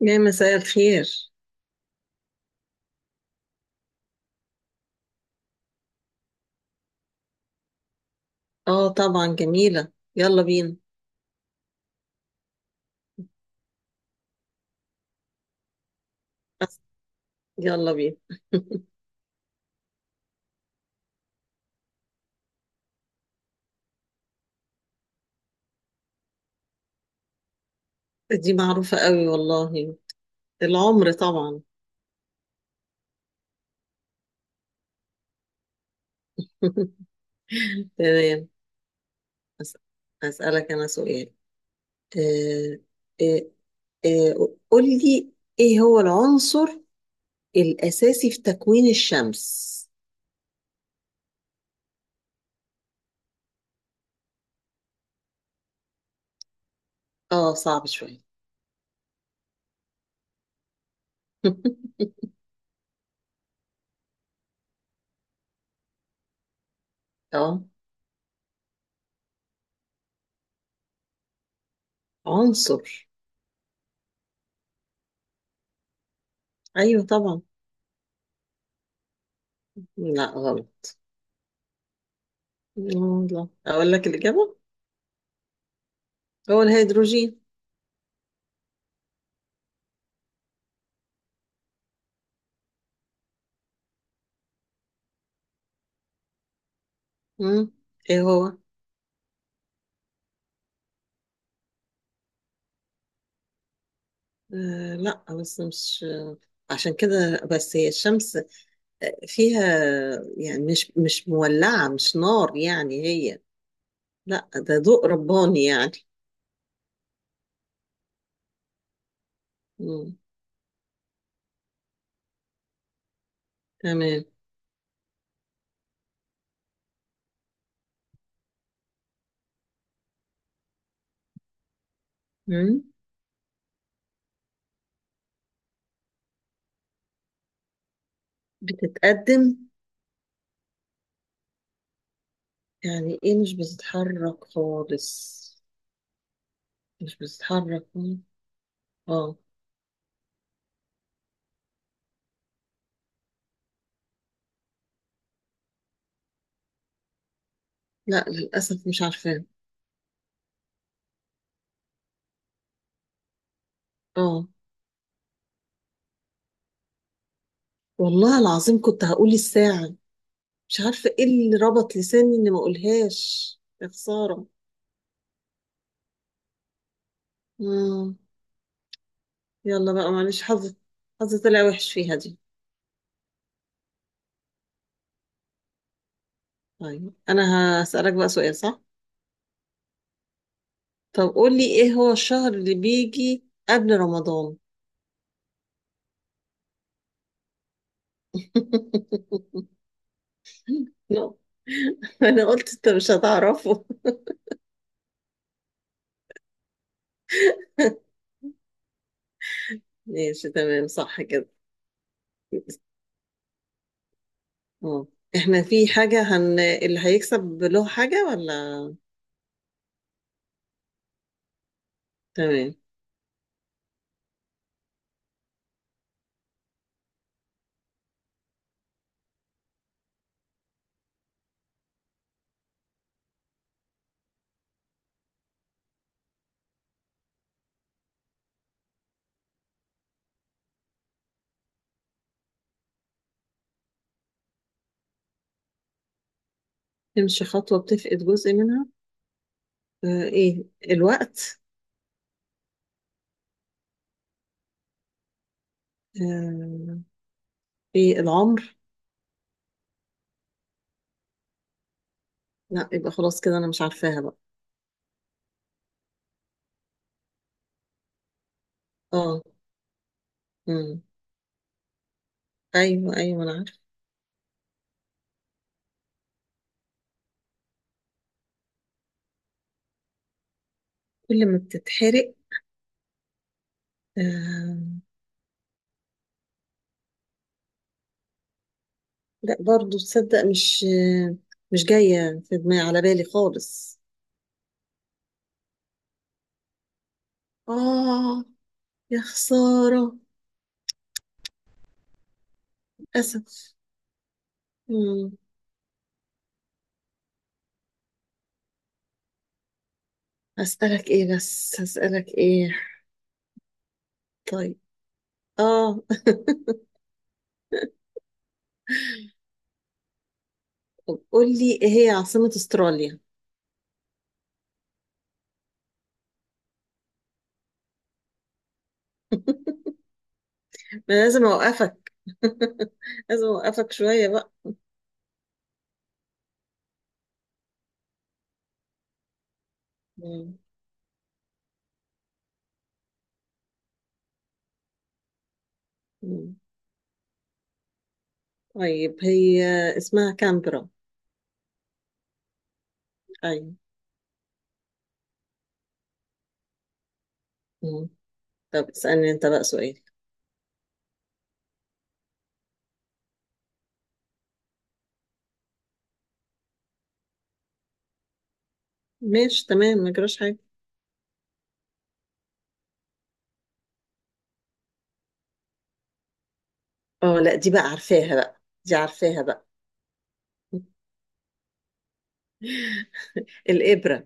يا مساء الخير. اه طبعا جميلة، يلا بينا. بس يلا بينا. دي معروفة قوي والله، العمر طبعا. تمام. أس- أسألك أنا سؤال. آه آه آه قول لي، ايه هو العنصر الأساسي في تكوين الشمس؟ اه صعب شوية. اه عنصر، ايوه طبعا. لا غلط. والله اقول لك الإجابة، هو الهيدروجين. مم. ايه هو؟ آه لا بس مش عشان كده بس، هي الشمس آه، فيها يعني مش مولعة، مش نار يعني هي، لا ده ضوء رباني يعني. مم. تمام. مم. بتتقدم. يعني ايه مش بتتحرك خالص؟ مش بتتحرك. مم. اه. لا للأسف مش عارفة. اه والله العظيم كنت هقول الساعة، مش عارفة ايه اللي ربط لساني اني ما اقولهاش، يا خسارة. مم. يلا بقى معلش، حظ. حظ طلع وحش فيها دي. طيب انا هسألك بقى سؤال صح؟ طب قول لي، ايه هو الشهر اللي بيجي قبل رمضان؟ لا انا قلت انت مش هتعرفه. ماشي تمام، صح كده. اه، احنا في حاجة اللي هيكسب له حاجة ولا؟ تمام. تمشي خطوة بتفقد جزء منها؟ آه ايه، الوقت؟ آه ايه، العمر؟ لا يبقى خلاص كده، انا مش عارفاها بقى. اه. مم. ايوه ايوه ما انا عارفه. كل ما بتتحرق؟ آه لا، برضو تصدق مش آه، مش جايه في دماغي على بالي خالص. اه، يا خساره. للاسف. مم. هسألك ايه؟ بس هسألك ايه؟ طيب. اه. طب قول لي، ايه هي عاصمة استراليا؟ ما لازم اوقفك. لازم اوقفك شوية بقى. مم. مم. طيب هي اسمها كامبرا. ايوه. مم. طب اسألني انت بقى سؤال. ماشي تمام، ما جراش حاجة. اه لا، دي بقى عارفاها بقى، دي عارفاها بقى. الإبرة.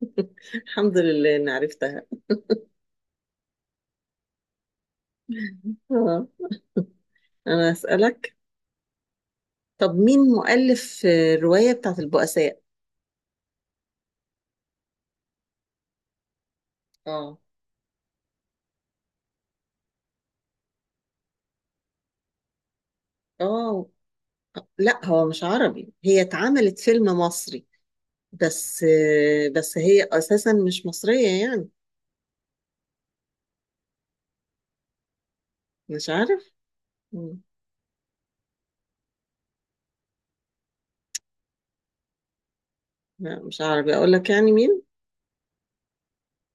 الحمد لله إني عرفتها. اه. أنا أسألك. طب مين مؤلف الرواية بتاعت البؤساء؟ اه. اه لا هو مش عربي، هي اتعملت فيلم مصري بس، بس هي أساسا مش مصرية يعني. مش عارف. مم. لا مش عربي، أقول لك يعني مين؟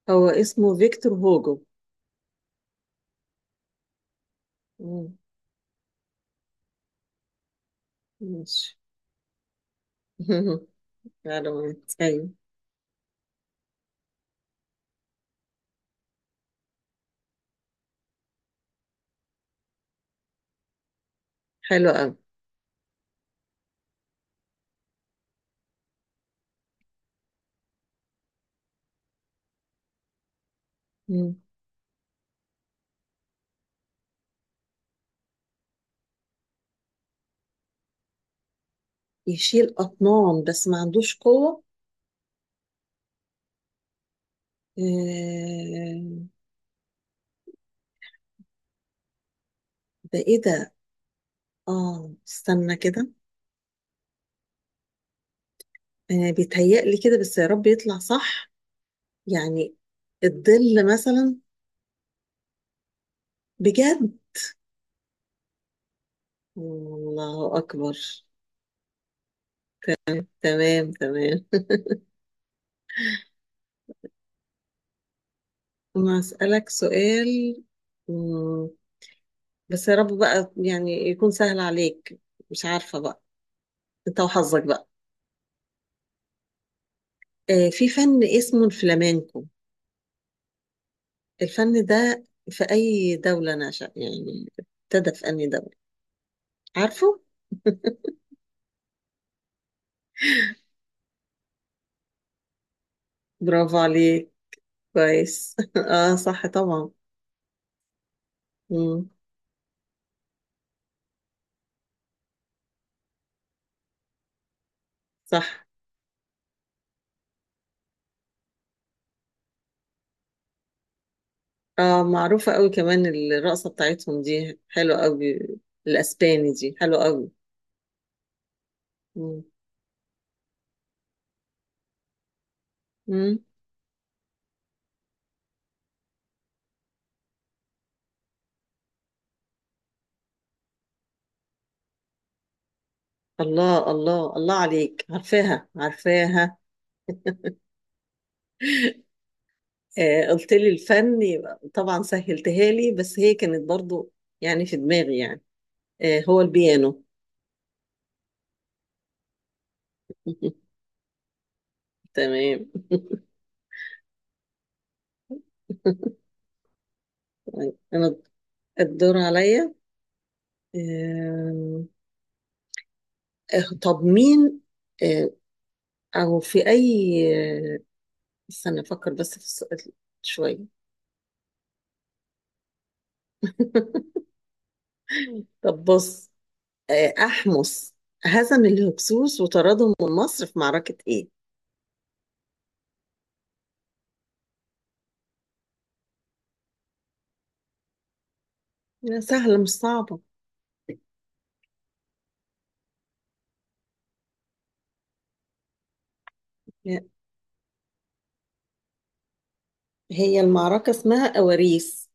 هو اسمه فيكتور هوجو. مم. ماشي. معلومات، أيوه. حلو أوي. يشيل أطنان بس ما عندوش قوة؟ آه، ده إيه ده؟ آه استنى كده. آه، بيتهيألي كده بس يا رب يطلع صح. يعني الظل مثلا. بجد؟ الله أكبر. تمام تمام. أنا أسألك سؤال. مم، بس يا رب بقى يعني يكون سهل عليك. مش عارفة بقى. أنت وحظك بقى. آه، في فن اسمه الفلامينكو، الفن ده في أي دولة نشأ يعني؟ ابتدى في أي دولة؟ عارفه؟ برافو عليك. كويس. اه صح طبعا. مم. صح. اه معروفة قوي كمان، الرقصة بتاعتهم دي حلوة قوي، الأسباني دي حلوة قوي. مم. مم. الله الله الله عليك، عارفاها عارفاها. آه قلت لي الفن يبقى طبعا سهلتها لي، بس هي كانت برضو يعني في دماغي يعني. آه هو البيانو. تمام. طيب انا، الدور عليا. آم، آه، طب مين، آه، او في اي، آه، استنى افكر بس في السؤال شويه. طب بص، آه، احمس هزم الهكسوس وطردهم من مصر في معركه ايه؟ لا، سهله مش صعبه. لا، هي المعركه اسمها اواريس.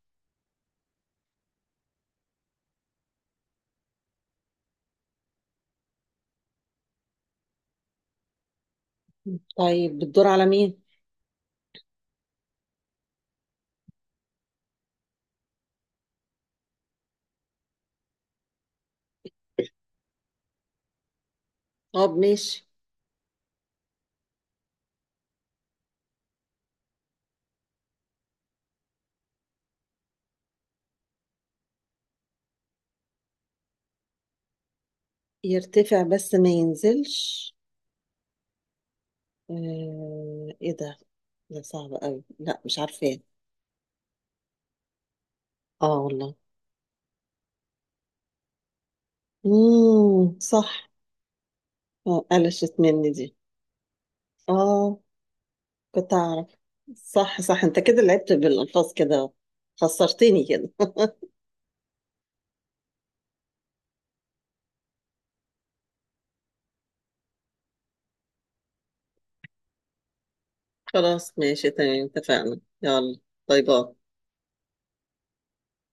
طيب بتدور على مين؟ طب ماشي. يرتفع بس ما ينزلش؟ آه، ايه ده، ده صعب قوي، لا مش عارفه. اه والله. صح. آه، قلشت مني دي. اه كنت اعرف. صح صح، انت كده لعبت بالالفاظ كده، خسرتني كده. خلاص ماشي تمام، اتفقنا. يلا باي باي.